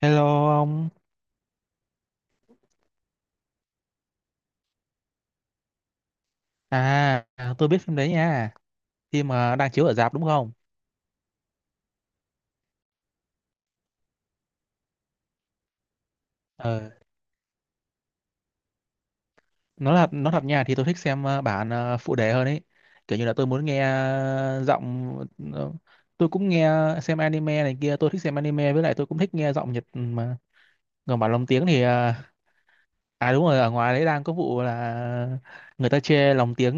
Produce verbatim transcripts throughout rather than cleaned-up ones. Hello ông. À, tôi biết phim đấy nha. Phim mà đang chiếu ở rạp đúng không? Ờ, nó là nó thật nha thì tôi thích xem ờ, bản ờ, phụ đề hơn ấy. Kiểu như là tôi muốn nghe ờ, giọng ờ, tôi cũng nghe xem anime này kia, tôi thích xem anime với lại tôi cũng thích nghe giọng Nhật ừ, mà. Còn bản lồng tiếng thì ờ, à, đúng rồi, ở ngoài đấy đang có vụ là người ta chê lồng tiếng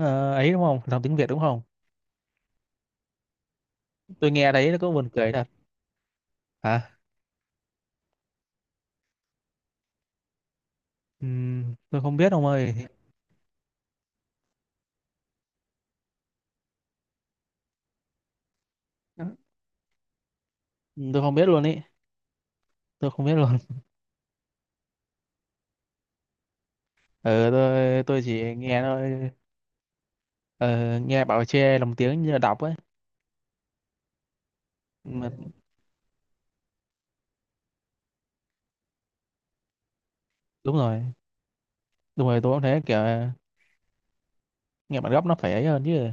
ờ, ấy đúng không? Lồng tiếng Việt đúng không? Tôi nghe đấy nó có buồn cười thật. Hả? Ừm, tôi không biết ông ơi. Ừ. Tôi không biết luôn ý. Tôi không biết luôn. ờ tôi tôi chỉ nghe thôi. ờ, Nghe bảo che lồng tiếng như là đọc ấy mà. Đúng rồi, đúng rồi, tôi cũng thấy kiểu ờ, nghe bản gốc nó phải ấy hơn chứ.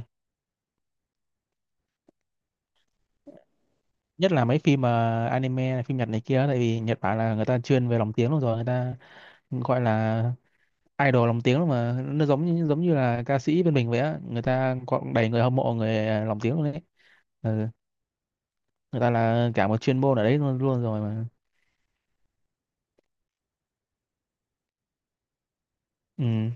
Nhất là mấy phim mà anime phim Nhật này kia, tại vì Nhật Bản là người ta chuyên về lồng tiếng luôn rồi, người ta gọi là idol lồng tiếng luôn mà, nó giống như giống như là ca sĩ bên mình vậy á, người ta có đầy người hâm mộ người ờ, lồng tiếng luôn đấy. Ừ. Người ta là cả một chuyên môn ở đấy luôn luôn rồi mà. Ừ,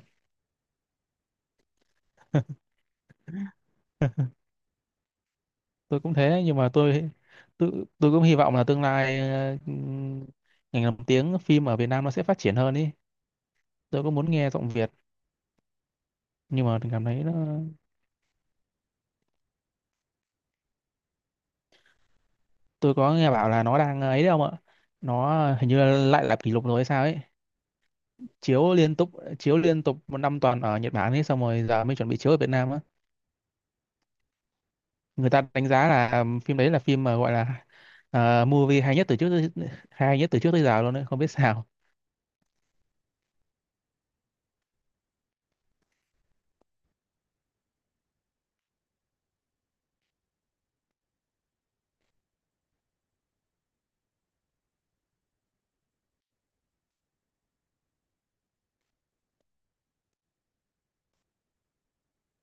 tôi cũng thế, nhưng mà tôi tôi tôi cũng hy vọng là tương lai ờ, ngành làm tiếng phim ở Việt Nam nó sẽ phát triển hơn ý. Tôi cũng muốn nghe giọng Việt, nhưng mà cảm thấy nó… Tôi có nghe bảo là nó đang ấy đấy không ạ, nó hình như là lại lập kỷ lục rồi hay sao ấy, chiếu liên tục, chiếu liên tục một năm toàn ở Nhật Bản ấy, xong rồi giờ mới chuẩn bị chiếu ở Việt Nam á. Người ta đánh giá là phim đấy là phim mà gọi là ờ, movie hay nhất từ trước tới, hay nhất từ trước tới giờ luôn đấy, không biết sao.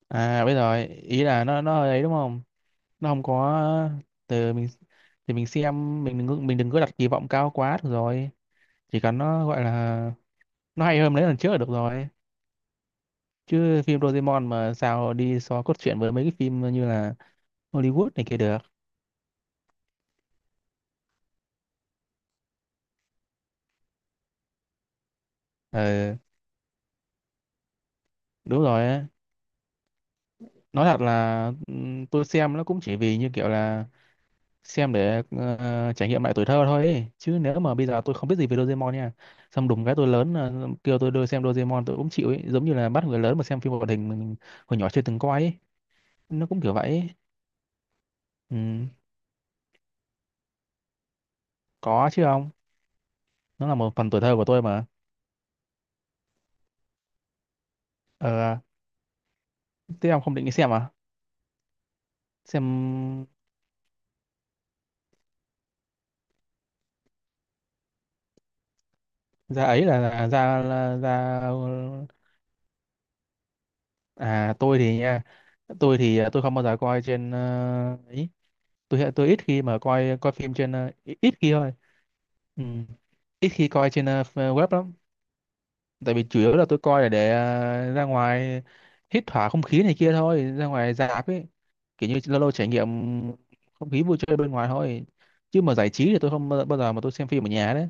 À, bây giờ ý là nó nó ấy đúng không, nó không có ờ, từ mình thì mình xem, mình đừng mình đừng có đặt kỳ vọng cao quá, được rồi. Chỉ cần nó gọi là nó hay hơn mấy lần trước là được rồi, chứ phim Doraemon mà sao đi so cốt truyện với mấy cái phim như là Hollywood này kia được. ờ Đúng rồi ấy. Nói thật là ừm, tôi xem nó cũng chỉ vì như kiểu là xem để ờ, trải nghiệm lại tuổi thơ thôi ấy. Chứ nếu mà bây giờ tôi không biết gì về Doraemon nha, xong đùng cái tôi lớn ờ, kêu tôi đưa xem Doraemon tôi cũng chịu ấy, giống như là bắt người lớn mà xem phim hoạt hình mình hồi nhỏ chưa từng coi ấy, nó cũng kiểu vậy ấy. Ừ. Có chứ ông? Nó là một phần tuổi thơ của tôi mà. ờ Thế ông không định đi xem à? Xem ra ấy là là ra là, ra. À, tôi thì nha, tôi thì à, tôi không bao giờ coi trên ờ, ấy. Tôi hiện- tôi ít khi mà coi coi phim trên ờ, ít ít khi thôi. Ừ. Ít khi coi trên ờ, web lắm, tại vì chủ yếu là tôi coi là để ờ, ra ngoài hít thở không khí này kia thôi, ra ngoài rạp ấy, kiểu như lâu lâu trải nghiệm không khí vui chơi bên ngoài thôi, chứ mà giải trí thì tôi không bao bao giờ mà tôi xem phim ở nhà đấy.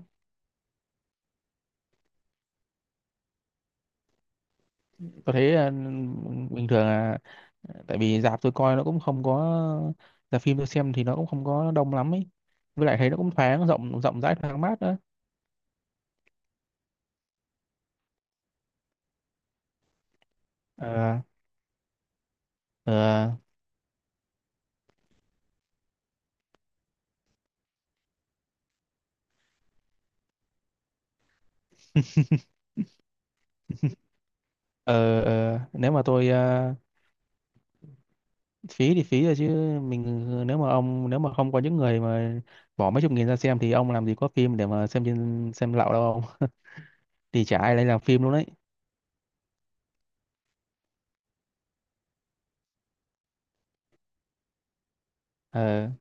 Tôi thấy ờ, bình thường là tại vì rạp tôi coi nó cũng không có, rạp phim tôi xem thì nó cũng không có đông lắm ấy, với lại thấy nó cũng thoáng, rộng rộng rãi, thoáng mát đó. ờ ờ ờ ờ. Nếu mà tôi ờ, phí thì phí rồi chứ, mình, nếu mà ông, nếu mà không có những người mà bỏ mấy chục nghìn ra xem thì ông làm gì có phim để mà xem trên xem lậu đâu ông, thì chả ai lấy làm phim luôn đấy. Ờ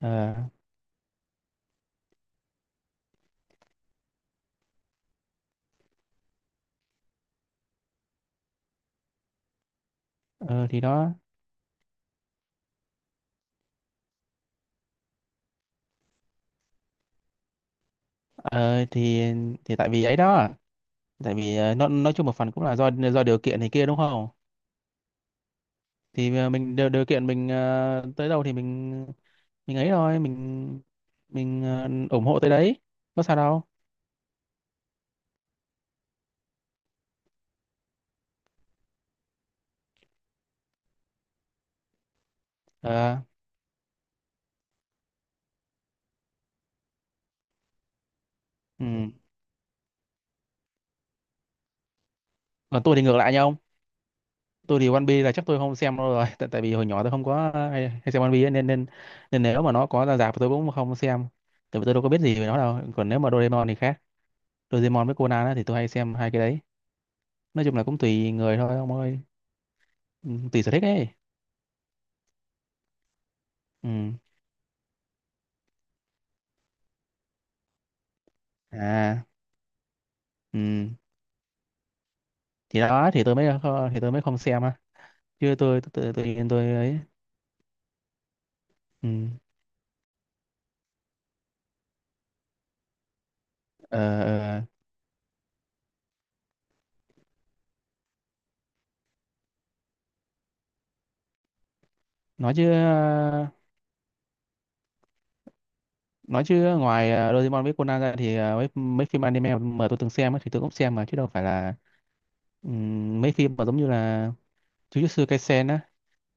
ờ ờ, thì đó. ờ thì thì tại vì ấy đó, tại vì ờ, nó nói chung một phần cũng là do do điều kiện này kia đúng không. Thì ờ, mình điều, điều kiện mình ờ, tới đâu thì mình mình ấy thôi, mình mình ờ, ủng hộ tới đấy, có sao đâu. ờ ừ. Còn tôi thì ngược lại nhau ông. Tôi thì One Piece là chắc tôi không xem đâu rồi tại tại vì hồi nhỏ tôi không có hay, hay xem One Piece ấy, nên nên nên nếu mà nó có ra rạp tôi cũng không xem, tại vì tôi đâu có biết gì về nó đâu, còn nếu mà Doraemon thì khác. Doraemon với Conan á, thì tôi hay xem hai cái đấy. Nói chung là cũng tùy người thôi ông ơi. Ừ, tùy sở thích ấy. Ừ. À. Ừ. Thì đó, thì tôi mới kho- thì tôi mới không xem á, chứ tôi tôi tôi tôi, tôi ấy. Ừ. ờ, ờ, nói chứ ờ, nói chứ ngoài ờ, Doraemon với Conan ra thì ờ, mấy mấy phim anime mà tôi từng xem á thì tôi cũng xem mà, chứ đâu phải là… Ừ, mấy phim mà giống như là Jujutsu Kaisen á,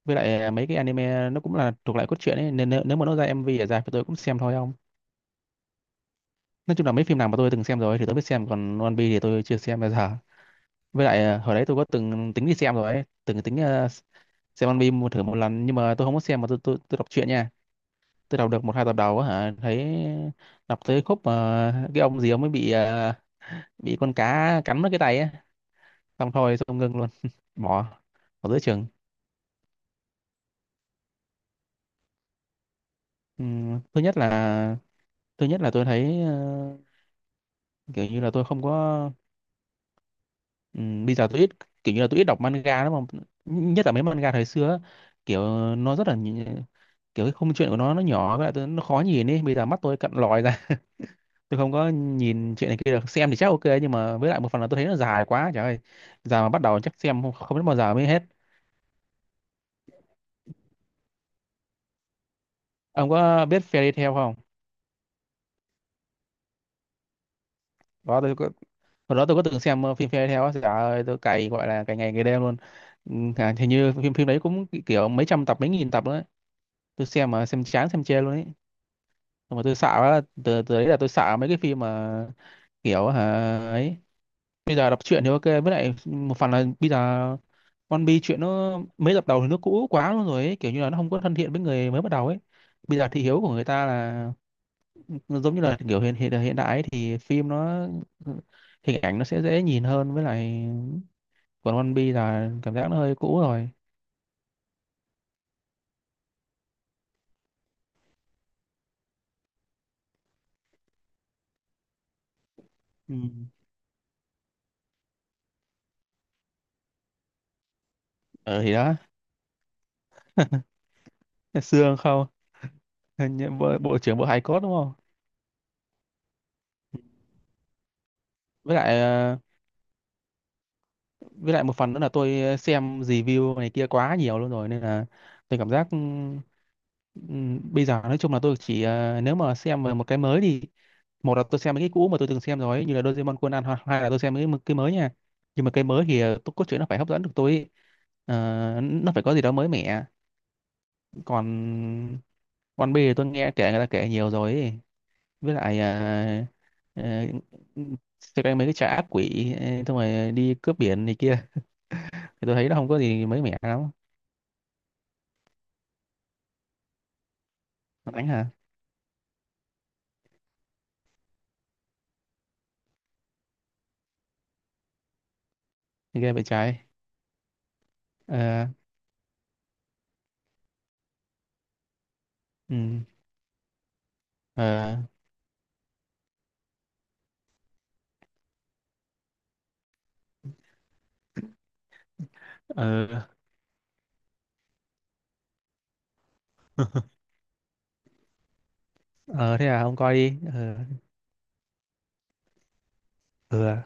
với lại ờ, mấy cái anime nó cũng là thuộc lại cốt truyện ấy, nên nếu, nếu mà nó ra em vi ở dài thì tôi cũng xem thôi không. Nói chung là mấy phim nào mà tôi từng xem rồi thì tôi biết xem, còn One Piece thì tôi chưa xem bao giờ. Với lại ờ, hồi đấy tôi có từng tính đi xem rồi ấy, từng tính ờ, xem anime một thử một lần, nhưng mà tôi không có xem mà tôi tôi, tôi đọc truyện nha. Tôi đọc được một hai tập đầu á hả, thấy, đọc tới khúc mà cái ông gì ông mới bị ờ, bị con cá cắn mất cái tay á, xong thôi xong ngưng luôn bỏ bỏ giữa chừng. Ừm, thứ nhất là Thứ nhất là tôi thấy ờ, kiểu như là tôi không có, ừm, bây giờ tôi ít, kiểu như là tôi ít đọc manga lắm, mà nhất là mấy manga thời xưa á, kiểu nó rất là nhị- kiểu cái khung chuyện của nó nó nhỏ, với lại tôi, nó khó nhìn ấy, bây giờ mắt tôi cận lòi ra, tôi không có nhìn chuyện này kia được, xem thì chắc ok, nhưng mà với lại một phần là tôi thấy nó dài quá trời ơi. Giờ mà bắt đầu chắc xem không, không biết bao giờ mới hết. Ông có biết Fairy Tail không? Đó tôi có, hồi đó tôi có từng xem ờ, phim Fairy Tail á, trời ơi tôi cày, gọi là cày ngày ngày đêm luôn. Ừ, à, hình như phim phim đấy cũng kiểu mấy trăm tập, mấy nghìn tập luôn. Tôi xem mà xem chán xem chê luôn ấy. Nhưng mà tôi sợ quá, từ từ đấy là tôi sợ mấy cái phim mà kiểu hả ấy. Bây giờ đọc truyện thì ok, với lại một phần là bây giờ One Piece chuyện nó mấy tập đầu thì nó cũ quá luôn rồi ấy. Kiểu như là nó không có thân thiện với người mới bắt đầu ấy. Bây giờ thị hiếu của người ta là nó giống như là kiểu hiện hiện hiện đại ấy, thì phim nó hình ảnh nó sẽ dễ nhìn hơn, với lại còn One Piece là cảm giác nó hơi cũ rồi. Ừ. ờ thì đó, xương không. Nhân- bộ, bộ trưởng bộ hài cốt đúng không. với lại ờ, với lại một phần nữa là tôi xem review này kia quá nhiều luôn rồi, nên là tôi cảm giác ừ, Ừm, bây giờ nói chung là tôi chỉ ờ, nếu mà xem về một cái mới thì, một là tôi xem mấy cái cũ mà tôi từng xem rồi ấy, như là Doraemon, Conan, hoặc hai là tôi xem mấy cái cái mới nha. Nhưng mà cái mới thì ờ, tôi cốt truyện nó phải hấp dẫn được tôi ấy. Ờ, nó phải có gì đó mới mẻ. Còn One Piece thì tôi nghe kể, người ta kể nhiều rồi ấy, với lại ờ, ờ, xem cái mấy cái trà ác quỷ ờ, xong rồi đi cướp biển này kia thì tôi thấy nó không có gì mới mẻ lắm. Đánh hả? Ghê vậy. Trái. ờ ừ. ờ ờ ờ Thế à, ông coi đi ờ ừ. À.